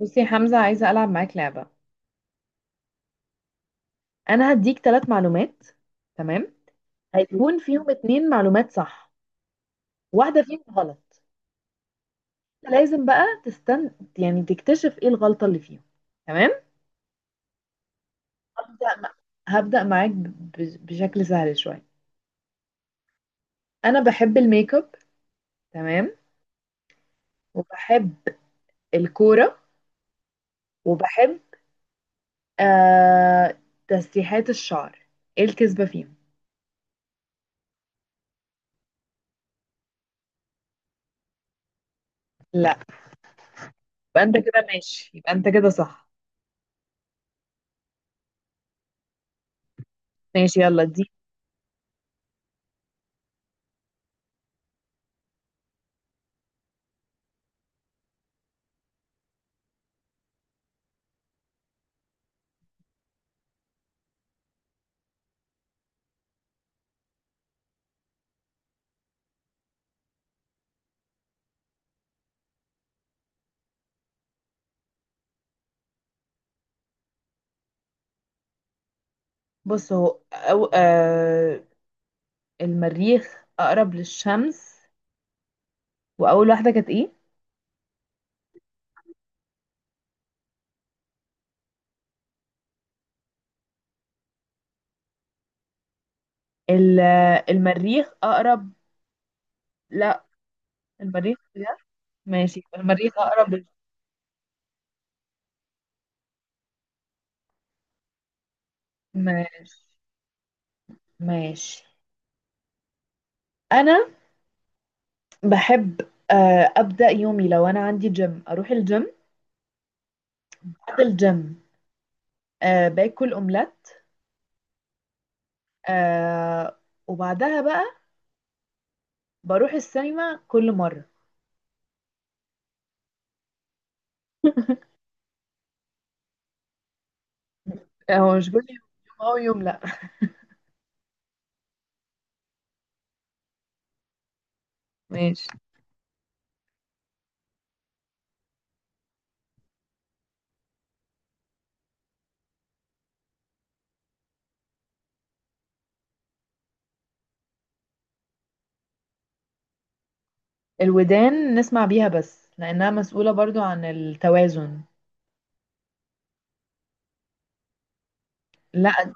بصي يا حمزة، عايزة ألعب معاك لعبة. أنا هديك 3 معلومات. تمام، هيكون فيهم 2 معلومات صح، واحدة فيهم غلط. أنت لازم بقى تستن، يعني تكتشف ايه الغلطة اللي فيهم. تمام. هبدأ مع- هبدأ معاك بشكل سهل شوية. أنا بحب الميك اب. تمام. وبحب الكورة. وبحب آه... تسريحات الشعر. ايه الكذبة فيهم؟ لا، يبقى انت كده ماشي، يبقى انت كده صح. ماشي يلا دي. بص، المريخ أقرب للشمس. وأول واحدة كانت إيه؟ ال- المريخ أقرب. لا. المريخ بجد؟ ماشي، المريخ أقرب ماشي. ماشي. أنا بحب، أبدأ يومي. لو أنا عندي جيم أروح الجيم. بعد الجيم باكل أومليت. آه، وبعدها بقى بروح السينما كل مرة. هو مش كل يوم، يوم أو يوم لأ. ماشي. الودان نسمع بيها بس، لأنها مسؤولة برضو عن التوازن. لا.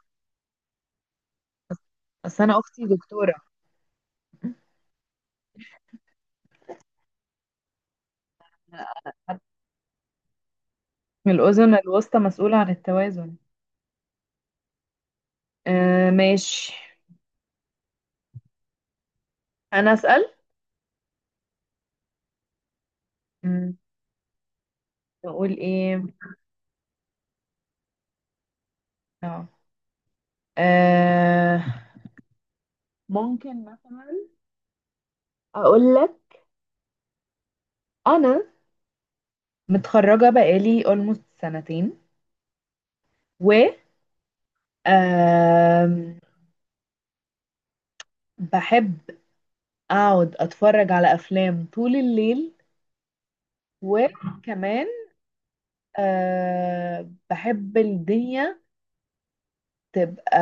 اصل انا اختي دكتوره. من الاذن الوسطى مسؤوله عن التوازن. ماشي. انا اسال. مم، اقول ايه. اه آه، ممكن مثلا اقول لك. انا متخرجه بقالي almost سنتين، و آم، بحب اقعد اتفرج على افلام طول الليل. وكمان بحب الدنيا تبقى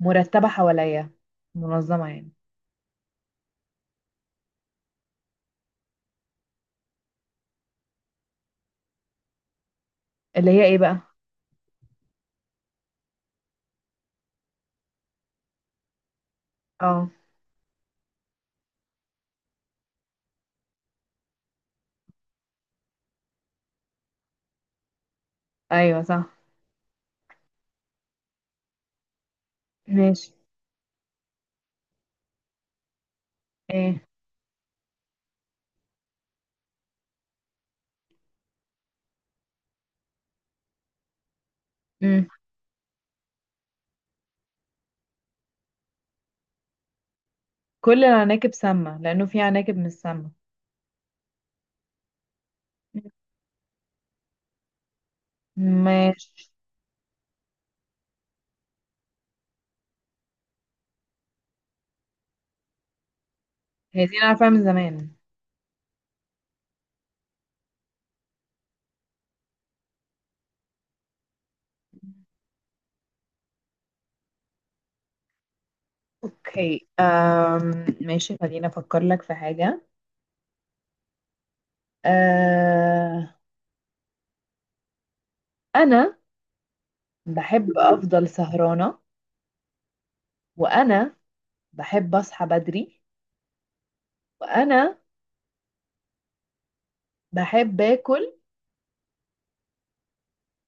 مرتبه حواليا، منظمه يعني. اللي هي ايه بقى؟ اه، ايوه صح. ماشي. ايه؟ امم. كل العناكب سامة، لأنه في عناكب مش سامة. ماشي. هي دي أنا عارفاها من زمان. اوكي. ماشي، خليني أفكر لك في حاجة. أه... أنا بحب أفضل سهرانة. وأنا بحب أصحى بدري. وأنا بحب آكل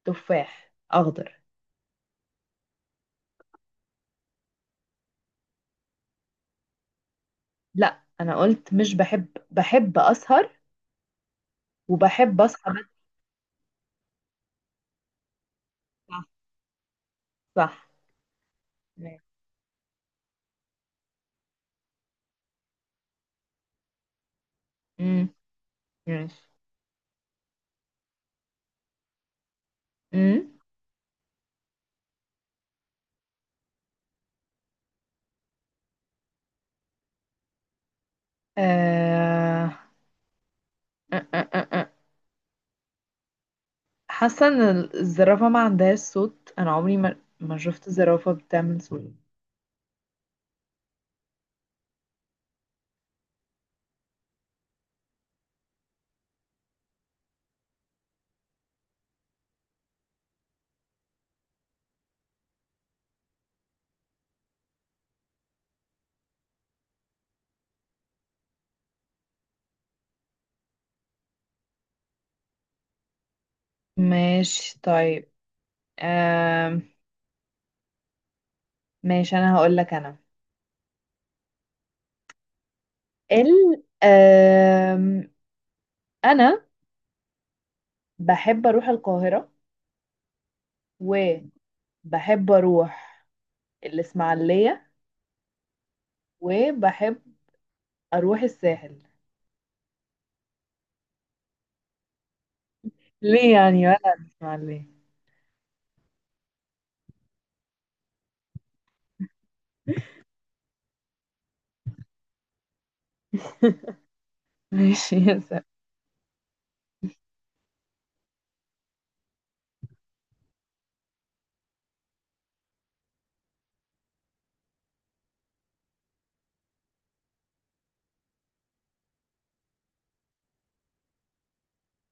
تفاح أخضر. لا، أنا قلت مش بحب، بحب أسهر، وبحب أصحى بدري. صح. صح. ماشي. ماشي. امم. آه... آه، آه، آه، آه. حاسه ان الزرافه ما عندهاش صوت، انا عمري ما شفت زرافه بتعمل صوت. ماشي طيب. آم، ماشي، انا هقول لك. انا ال آم، انا بحب اروح القاهرة، وبحب اروح الاسماعيلية، وبحب اروح الساحل. ليه يعني؟ ولا الاسماعيلية؟ ماشي يا سهل.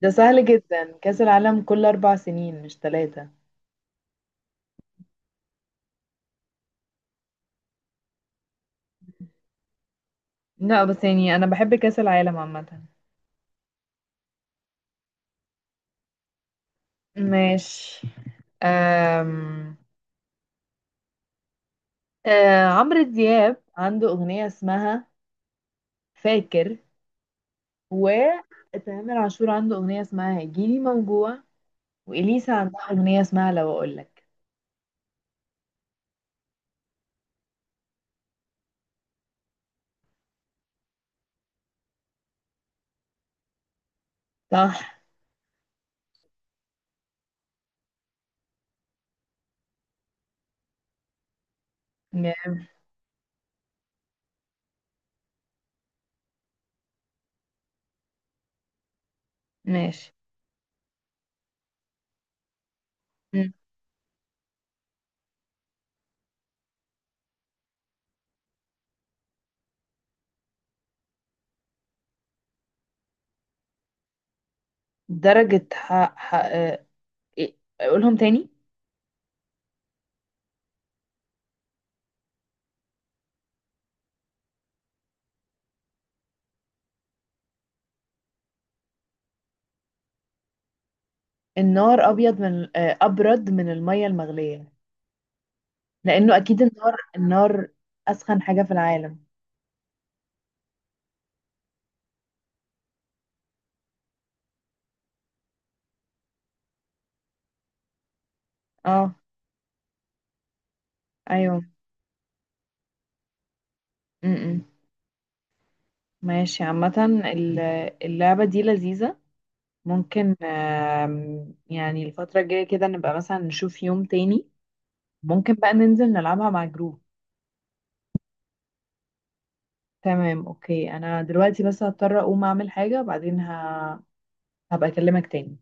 ده سهل جدا، كأس العالم كل 4 سنين مش ثلاثة. لا، بس يعني انا بحب كأس العالم عامة. ماشي. أم... أه، عمرو دياب عنده أغنية اسمها فاكر، وتامر عاشور عنده أغنية اسمها هيجيلي موجوع، وإليسا عندها أغنية اسمها لو أقولك. صح. م- ماشي. م. درجة حق حق أه... إيه؟ أقولهم تاني. النار أبيض من أه، أبرد من المية المغلية، لأنه أكيد النار أسخن حاجة في العالم. اه أيوه. م -م. ماشي عامة، ال- اللعبة دي لذيذة. ممكن يعني الفترة الجاية كده نبقى مثلا نشوف يوم تاني. ممكن بقى ننزل نلعبها مع جروب. تمام. اوكي، انا دلوقتي بس هضطر اقوم اعمل حاجة، بعدين هبقى اكلمك تاني.